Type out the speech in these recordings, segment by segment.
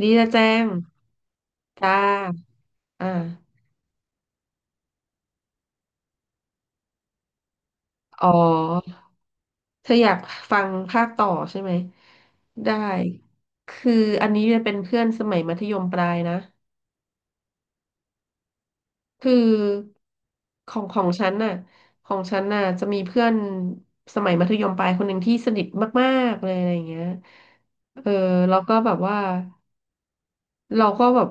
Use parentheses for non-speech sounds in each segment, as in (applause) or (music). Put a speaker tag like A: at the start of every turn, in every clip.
A: ดีนะแจงจ้าอ่าอ๋อ เธออยากฟังภาคต่อใช่ไหมได้ คืออันนี้เเป็นเพื่อนสมัยมัธยมปลายนะ คือของฉันน่ะของฉันน่ะจะมีเพื่อนสมัยมัธยมปลายคนหนึ่งที่สนิทมากๆเลยอะไรอย่างเงี้ยเออแล้วก็แบบว่า เราก็แบบ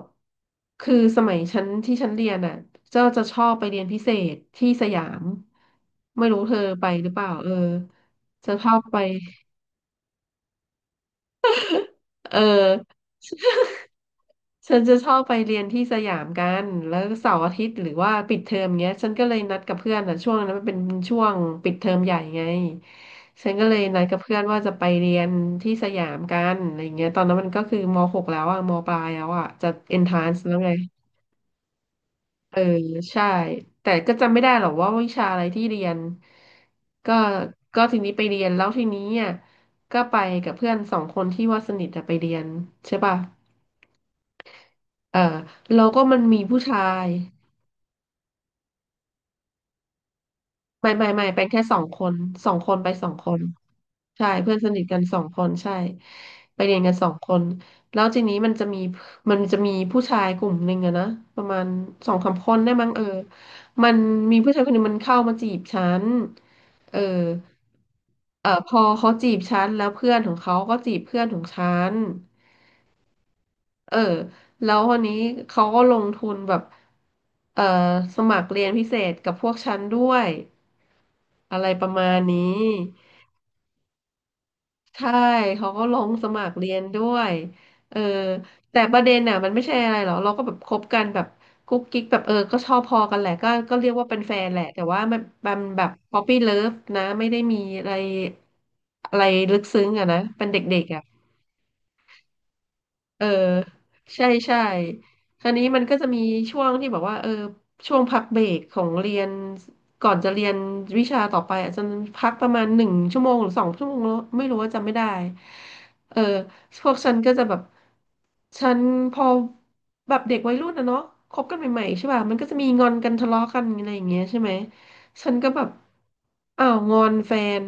A: คือสมัยชั้นที่ฉันเรียนอ่ะก็จะชอบไปเรียนพิเศษที่สยามไม่รู้เธอไปหรือเปล่าเออจะชอบไปเออฉันจะชอบไปเรียนที่สยามกันแล้วเสาร์อาทิตย์หรือว่าปิดเทอมเงี้ยฉันก็เลยนัดกับเพื่อนอ่ะช่วงนั้นมันเป็นช่วงปิดเทอมใหญ่ไงฉันก็เลยนัดกับเพื่อนว่าจะไปเรียนที่สยามกันอะไรเงี้ยตอนนั้นมันก็คือมหกแล้วอ่ะมปลายแล้วอ่ะจะเอนทรานซ์แล้วไง เออใช่แต่ก็จำไม่ได้หรอกว่าวิชาอะไรที่เรียนก็ก็ทีนี้ไปเรียนแล้วทีนี้อ่ะก็ไปกับเพื่อนสองคนที่ว่าสนิทอะไปเรียนใช่ป่ะเออเราก็มันมีผู้ชาย ไม่ไม่ไม่เป็นแค่สองคนสองคนไปสองคนใช่เพื่อนสนิทกันสองคนใช่ไปเรียนกันสองคนแล้วทีนี้มันจะมีผู้ชายกลุ่มหนึ่งอะนะประมาณสองสามคนได้มั้งเออมันมีผู้ชายคนหนึ่งมันเข้ามาจีบฉันเออเออพอเขาจีบฉันแล้วเพื่อนของเขาก็จีบเพื่อนของฉันเออแล้ววันนี้เขาก็ลงทุนแบบเออสมัครเรียนพิเศษกับพวกฉันด้วย อะไรประมาณนี้ใช่เขาก็ลงสมัครเรียนด้วยเออแต่ประเด็นน่ะมันไม่ใช่อะไรหรอกเราก็แบบคบกันแบบกุ๊กกิ๊กแบบเออก็ชอบพอกันแหละก็ก็เรียกว่าเป็นแฟนแหละแต่ว่ามันมันแบบป๊อปปี้เลิฟนะไม่ได้มีอะไรอะไรลึกซึ้งอะนะเป็นเด็กๆอะ เออใช่ใช่คราวนี้มันก็จะมีช่วงที่แบบว่าเออช่วงพักเบรกของเรียนก่อนจะเรียนวิชาต่อไปอาจจะพักประมาณ1 ชั่วโมงหรือ2 ชั่วโมงแล้วไม่รู้ว่าจำไม่ได้เออพวกฉันก็จะแบบฉันพอแบบเด็กวัยรุ่นนะเนาะคบกันใหม่ๆใช่ป่ะมันก็จะมีงอนกันทะเลาะกันอะไรอย่างเงี้ยใช่ไหมฉันก็แบบอ้าวงอนแฟน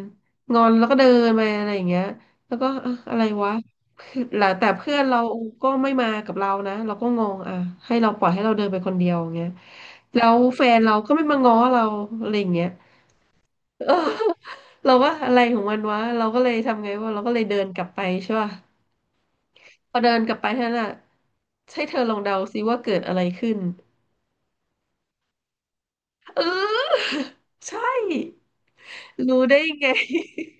A: งอนแล้วก็เดินไปอะไรอย่างเงี้ยแล้วก็เอ้ออะไรวะ แล้วแต่เพื่อนเราก็ไม่มากับเรานะเราก็งงอ่ะให้เราปล่อยให้เราเดินไปคนเดียวอย่างเงี้ยแล้วแฟนเราก็ไม่มาง้อเราอะไรอย่างเงี้ย (laughs) เออเราว่าอะไรของมันวะเราก็เลยทำไงวะาเราก็เลยเดินกลับไปใช่ป่ะพอเดินกลับไปเท่านั้นอ่ะให้เธอลองเดาซิว่าเกิดอะไรขึ้นเออ (laughs) ใช่รู้ได้ไง (laughs)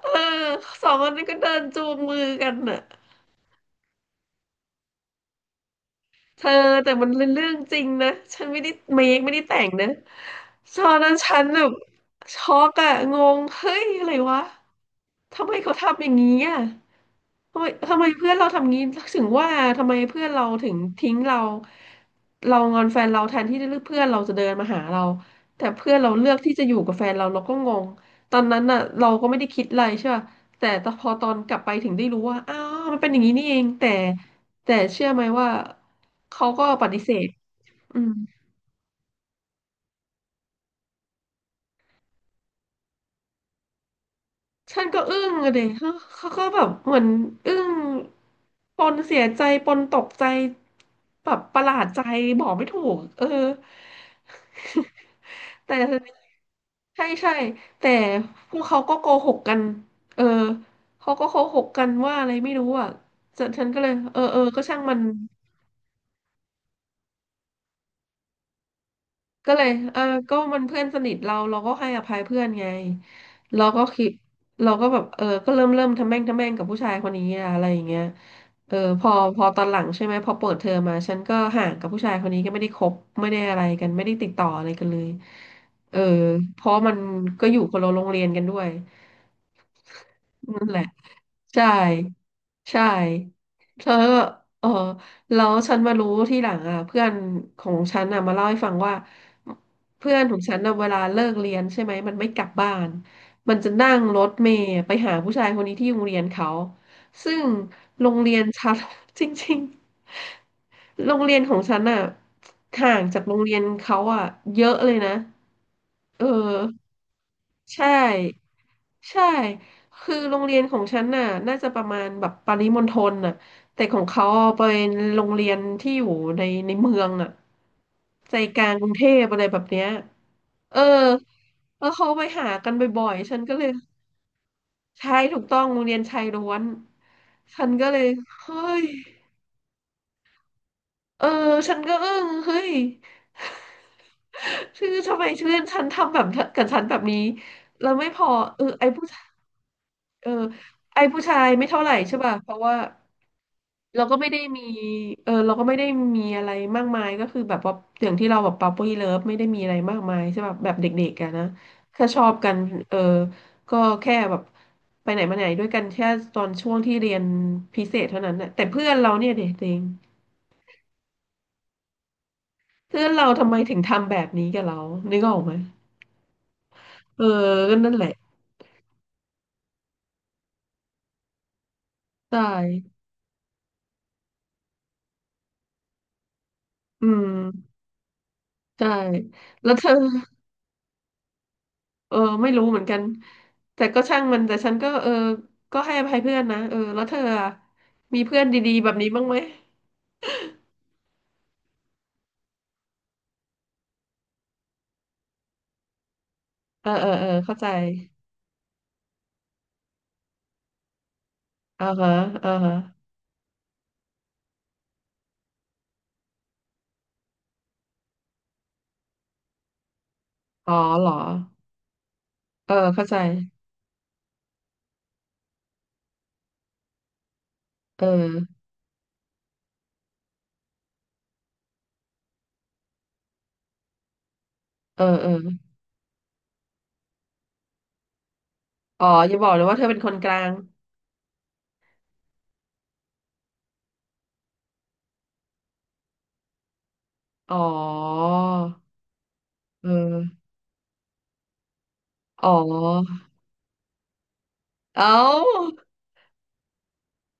A: เออสองคนนั้นก็เดินจูงมือกันน่ะ เธอแต่มันเป็นเรื่องจริงนะ ฉันไม่ได้เมคไม่ได้แต่งนะ ตอนนั้นฉันแบบช็อกอะงงเฮ้ยอะไรวะ ทำไมเขาทำอย่างนี้อะทำไมทำไมเพื่อนเราทำงี้ถึงว่าทำไมเพื่อนเราถึงทิ้งเราเรางอนแฟนเราแทนที่เพื่อนเราจะเดินมาหาเรา แต่เพื่อนเราเลือกที่จะอยู่กับแฟนเราเราก็งง ตอนนั้นน่ะเราก็ไม่ได้คิดอะไรใช่ป่ะแต่พอตอนกลับไปถึงได้รู้ว่าอ้าวมันเป็นอย่างนี้นี่เองแต่แต่เชื่อไหมว่า เขาก็ปฏิเสธอืมฉันก็อึ้งเลยเขาเขาก็แบบเหมือนอึ้งปนเสียใจปนตกใจแบบประหลาดใจ บอกไม่ถูก เออ (laughs) แต่ใช่ใช่แต่พวกเขาก็โกหกกัน เออ เขาก็โกหกกันว่าอะไรไม่รู้อ่ะฉันก็เลย เออเออก็ช่างมัน ก็เลยเออก็มันเพื่อนสนิทเราเราก็ให้อภัยเพื่อนไงเราก็คิดเราก็แบบเออก็เริ่มทำแม่งทำแม่งกับผู้ชายคนนี้อะอะไรอย่างเงี้ยเออพอตอนหลังใช่ไหมพอเปิดเทอมมาฉันก็ห่างกับผู้ชายคนนี้ก็ไม่ได้คบไม่ได้อะไรกันไม่ได้ติดต่ออะไรกันเลยเออเพราะมันก็อยู่คนละโรงเรียนกันด้วยนั่นแหละ ใช่ใช่แล้วเออแล้วฉันมารู้ที่หลังอ่ะเพื่อนของฉันอ่ะมาเล่าให้ฟังว่าเพื่อนของฉันอ่ะเวลาเลิกเรียนใช่ไหมมันไม่กลับบ้านมันจะนั่งรถเมล์ไปหาผู้ชายคนนี้ที่โรงเรียนเขาซึ่งโรงเรียนฉัน (laughs) จริงๆโรงเรียนของฉันอ่ะห่างจากโรงเรียนเขาอ่ะเยอะเลยนะเออ ใช่ใช่คือโรงเรียนของฉันน่ะน่าจะประมาณแบบปริมณฑลน่ะแต่ของเขาไเป็นโรงเรียนที่อยู่ในเมืองน่ะใจกลางกรุงเทพอะไรแบบเนี้ยเออแล้วเขาไปหากันบ่อยๆฉันก็เลยใช่ถูกต้องโรงเรียนชายล้วนฉันก็เลยเฮ้ย เออฉันก็อึ้งเฮ้ย (laughs) ชื่อทำไมชื่อนฉันทำแบบกับฉันแบบนี้แล้วไม่พอเออเออไอ้ผู้ชายไม่เท่าไหร่ใช่ป่ะเพราะว่าเราก็ไม่ได้มีเราก็ไม่ได้มีอะไรมากมายก็คือแบบว่าอย่างที่เราแบบป๊อปปี้เลิฟไม่ได้มีอะไรมากมายใช่ป่ะแบบเด็กๆกันนะแค่ชอบกันเออก็แค่แบบไปไหนมาไหนด้วยกันแค่ตอนช่วงที่เรียนพิเศษเท่านั้นนะแต่เพื่อนเราเนี่ยเด็กเอง เพื่อนเราทำไมถึงทำแบบนี้กับเรานึกออกไหมเออก็นั่นแหละใช่อืมใช่แล้วเธอเออไม่รู้เหมือนกันแต่ก็ช่างมันแต่ฉันก็เออก็ให้อภัยเพื่อนนะเออแล้วเธออะมีเพื่อนดีๆแบบนี้บ้างไหมเออเออเออเข้าใจอ่าฮะอ่าฮะอ๋อเหรอเออเข้าใจเออเออเอออ๋ออย่าบอกเลยว่าเธอเป็นคนกลางอ๋อเอออ๋อเอ้า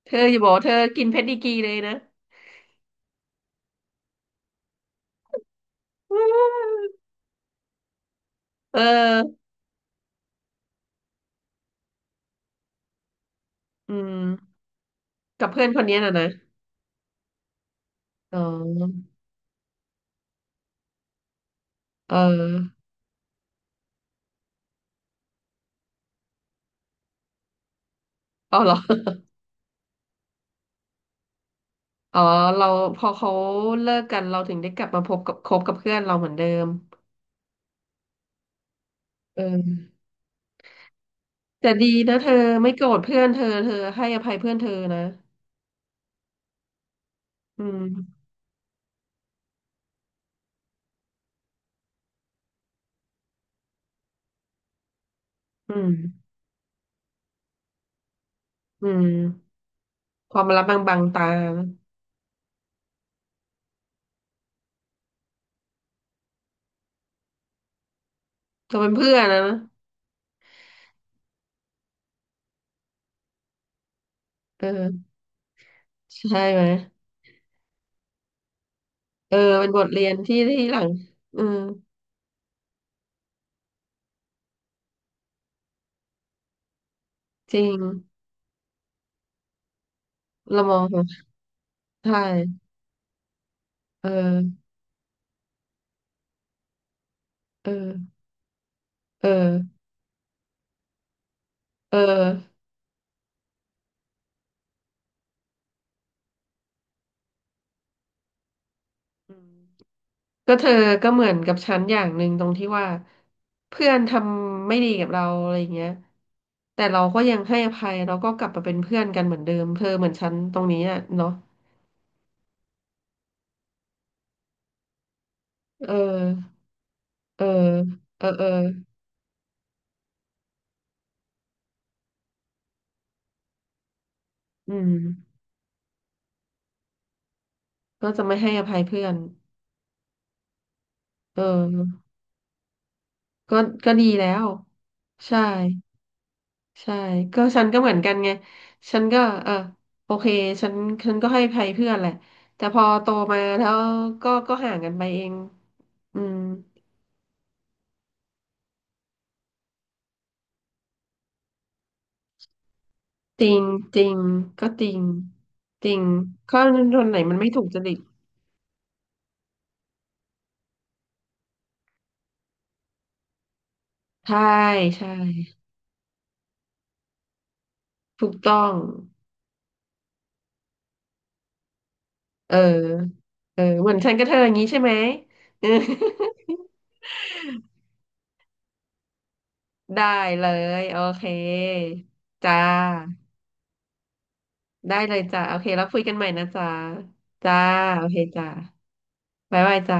A: เธออย่าบอกว่าเธอกินเพชรดีกรีเลยนะเอออืมกับเพื่อนคนนี้น่ะนะอ๋อเอออ๋อเหรออ๋อเราพอเขาเลิกกันเราถึงได้กลับมาพบกับคบกับเพื่อนเราเหมือนเดิมเออแต่ดีนะเธอไม่โกรธเพื่อนเธอเธอให้อภัยเพื่อนเธอนะอืมอืมอืมความลับบางตานะเธอเป็นเพื่อนนะเออใช่ไหมเออเป็นบทเรียนที่หลังอืมจริงเรามองใช่ เออ เออ เออ เอออืมก็เธอก็เหมือนกับฉันอย่างหนึ่งตรงที่ว่าเพื่อนทำไม่ดีกับเราอะไรเงี้ยแต่เราก็ยังให้อภัยเราก็กลับมาเป็นเพื่อนกันเหมือนเดิมเธอเหมือนฉันตรงนี้อ่ะเนาะเออเออเออเอออืมก็จะไม่ให้อภัยเพื่อนเออก็ก็ดีแล้วใช่ ใช่ก็ฉันก็เหมือนกันไงฉันก็เออโอเคฉันฉันก็ให้อภัยเพื่อนแหละแต่พอโตมาแล้วก็ก็ห่างกันไปเองอืมจริงจริงก็จริงจริงข้อคนไหนมันไม่ถูกจริตใช่ใช่ถูกต้องเออเออเหมือนฉันกับเธออย่างนี้ใช่ไหมเออ (laughs) ได้เลยโอเคจ้าได้เลยจ้าโอเคแล้วคุยกันใหม่นะจ้าจ้าโอเคจ้า บ๊ายบายจ้า